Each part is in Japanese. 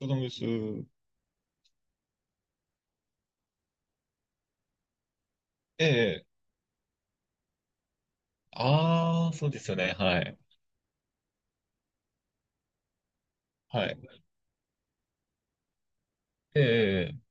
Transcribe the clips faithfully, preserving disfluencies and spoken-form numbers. ブドウ酒。ええ。ああ、そうですよね。はい。はい。ええ。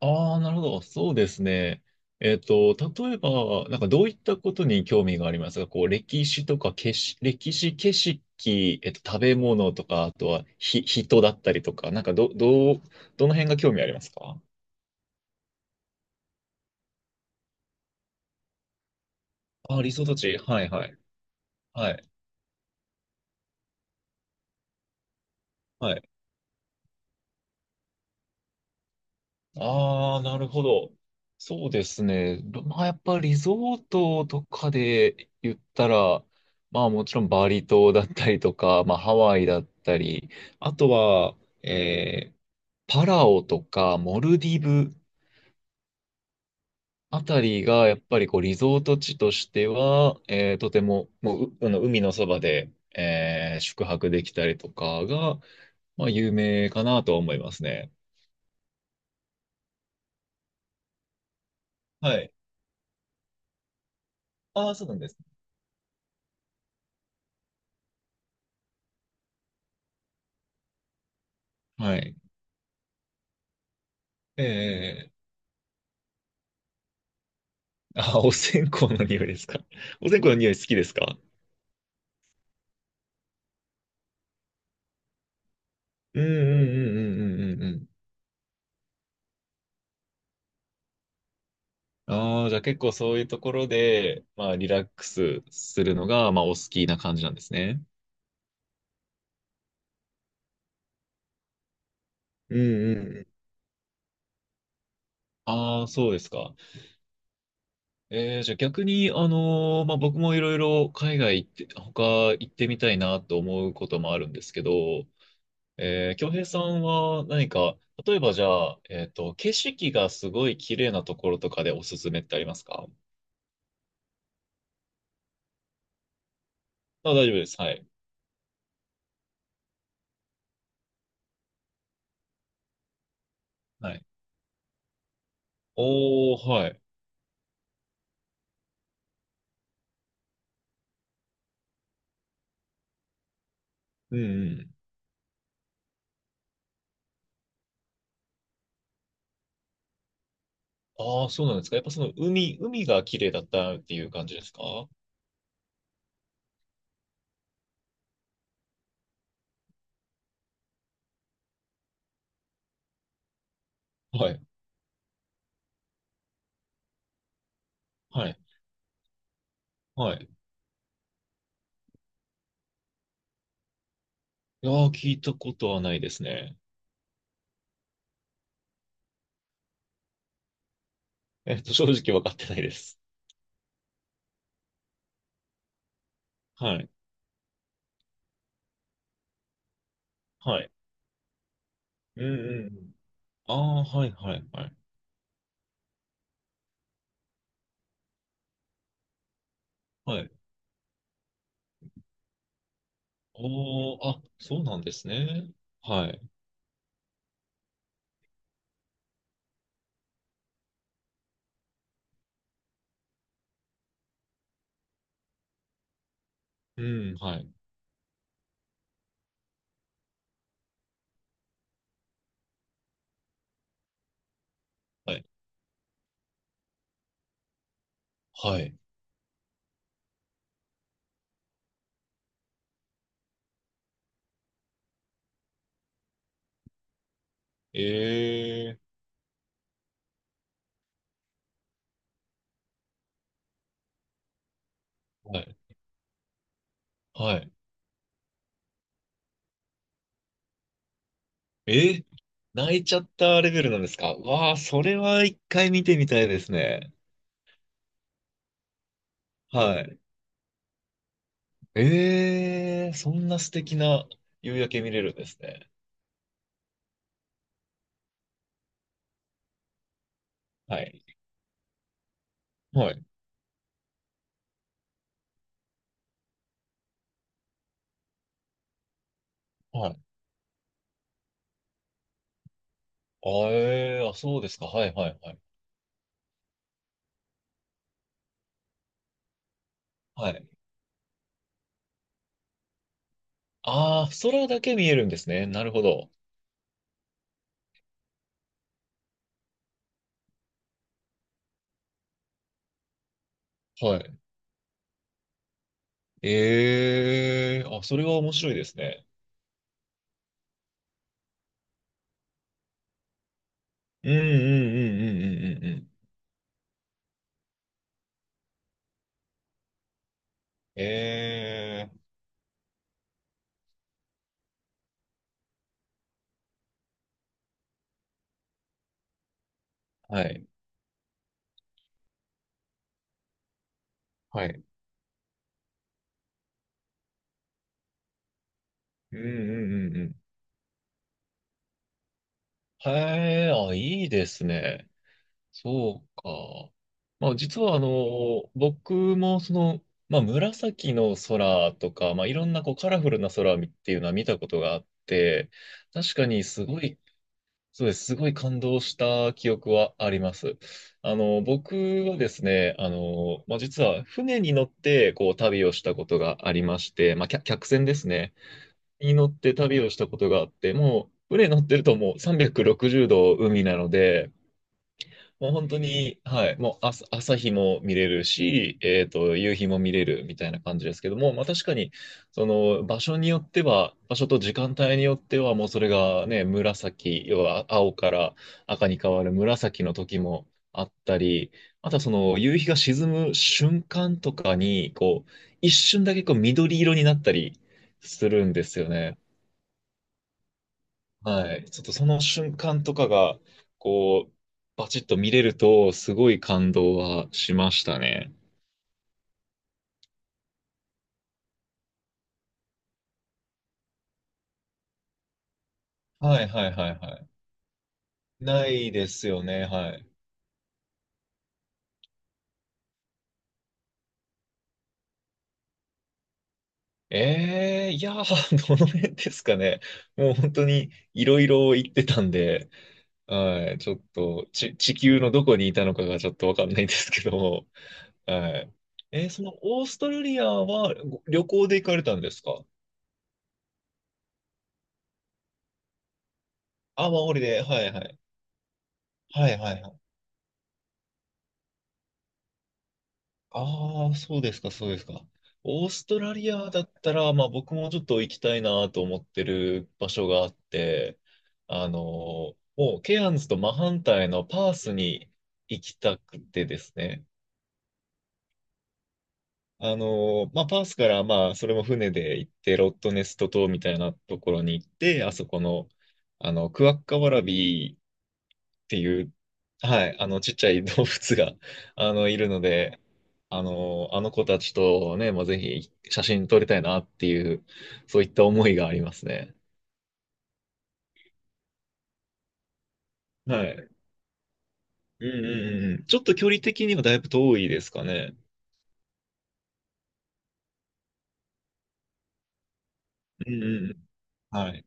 ああ、なるほど。そうですね。えっと、例えば、なんかどういったことに興味がありますか？こう、歴史とかけし、歴史、景色、えっと、食べ物とか、あとはひ、人だったりとか、なんかど、どう、どの辺が興味ありますか？ああー、理想たち。はい、はい。はい。はい。ああ、なるほど。そうですね。ど、まあ、やっぱリゾートとかで言ったら、まあもちろんバリ島だったりとか、まあハワイだったり、あとは、えーパラオとかモルディブあたりがやっぱりこうリゾート地としては、えーとても、もう、う、あの海のそばで、えー宿泊できたりとかが、まあ有名かなとは思いますね。はい。ああ、そうなんです。はい。ええ、あ、お線香の匂いですか。お線香の匂い好きですか？うんうんうんうんうんうんうん。ああ、じゃあ結構そういうところで、まあリラックスするのが、まあお好きな感じなんですね。うんうんうん。ああ、そうですか。えー、じゃあ逆に、あのーまあ僕もいろいろ海外行って、他行ってみたいなと思うこともあるんですけど、えー、京平さんは何か、例えばじゃあ、えっと、景色がすごい綺麗なところとかでおすすめってありますか？あ、大丈夫です。はい。はい。おー、はい。うんうん。ああ、そうなんですか。やっぱその海、海が綺麗だったっていう感じですか？はい。はい。はい。いやー、聞いたことはないですね。えっと、正直わかってないです。はい。はい。うんうんうん。ああ、はいはいはい。はい。おー、あ、そうなんですね。はい。うん、はい。はい。はい。ええー、はい。はい。えー、泣いちゃったレベルなんですか？わあ、それは一回見てみたいですね。はい。ええ、そんな素敵な夕焼け見れるんですね。はい。はい。はい。あ、えー、あ、そうですか。はい、はい、はい。はい。ああ、空だけ見えるんですね。なるほど。はい。ええ、あ、それは面白いですね。うん、うん、うん、うん、うん、うん。うん。ええ。はい。はい。うん、うん、うん、うん。へえ、あ、いいですね。そうか。まあ実はあの、僕もその、まあ紫の空とか、まあいろんなこうカラフルな空っていうのは見たことがあって、確かにすごい、そうです、すごい感動した記憶はあります。あの、僕はですね、あの、まあ実は船に乗ってこう旅をしたことがありまして、まあ客、客船ですね、に乗って旅をしたことがあって、もう船乗ってるともうさんびゃくろくじゅうど海なので、もう本当に、はい、もう朝、朝日も見れるし、えっと、夕日も見れるみたいな感じですけども、まあ確かに、その場所によっては、場所と時間帯によっては、もうそれがね、紫、要は青から赤に変わる紫の時もあったり、あとはその夕日が沈む瞬間とかに、こう、一瞬だけこう緑色になったりするんですよね。はい。ちょっとその瞬間とかが、こう、バチッと見れると、すごい感動はしましたね。はいはいはいはい。ないですよね、はい。ええ、いやー、どの辺ですかね。もう本当にいろいろ言ってたんで、はい、ちょっとち、地球のどこにいたのかがちょっとわかんないですけども、はい。えーそのオーストラリアはご旅行で行かれたんですか？あ、マオリで、はいはい。はいはいはい。ああ、そうですか、そうですか。オーストラリアだったら、まあ僕もちょっと行きたいなと思ってる場所があって、あの、もうケアンズと真反対のパースに行きたくてですね。あの、まあパースからまあそれも船で行って、ロットネスト島みたいなところに行って、あそこの、あの、クワッカワラビっていう、はい、あの、ちっちゃい動物が、あの、いるので、あの、あの子たちとね、まあ、ぜひ写真撮りたいなっていう、そういった思いがありますね。はい。うんうんうん。ちょっと距離的にはだいぶ遠いですかね。うんうんうん。はい。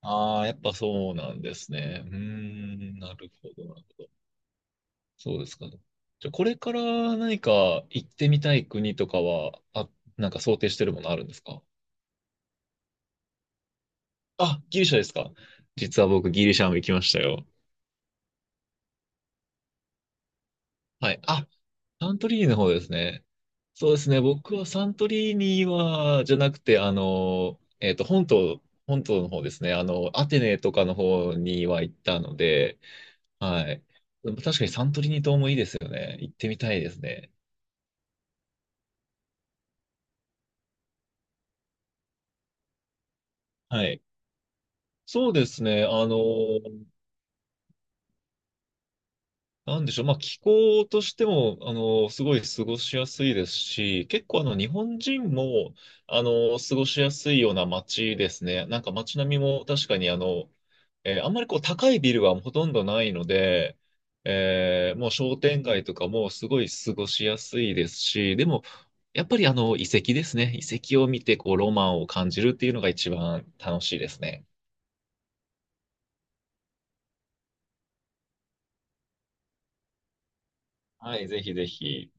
ああ、やっぱそうなんですね。うーん、なるほど、なるほど。そうですか。じゃあ、これから何か行ってみたい国とかは、あ、なんか想定してるものあるんですか？あ、ギリシャですか。実は僕、ギリシャも行きましたよ。はい。あ、サントリーニの方ですね。そうですね。僕はサントリーニは、じゃなくて、あの、えっと、本島、本島の方ですね。あの、アテネとかの方には行ったので、はい。でも確かにサントリーニ島もいいですよね。行ってみたいですね。はい。そうですね。あの、なんでしょう。まあ、気候としても、あの、すごい過ごしやすいですし、結構あの、日本人も、あの、過ごしやすいような街ですね。なんか街並みも確かにあの、えーあんまりこう、高いビルはほとんどないので、えーもう商店街とかもすごい過ごしやすいですし、でも、やっぱりあの、遺跡ですね。遺跡を見て、こう、ロマンを感じるっていうのが一番楽しいですね。はい、ぜひぜひ。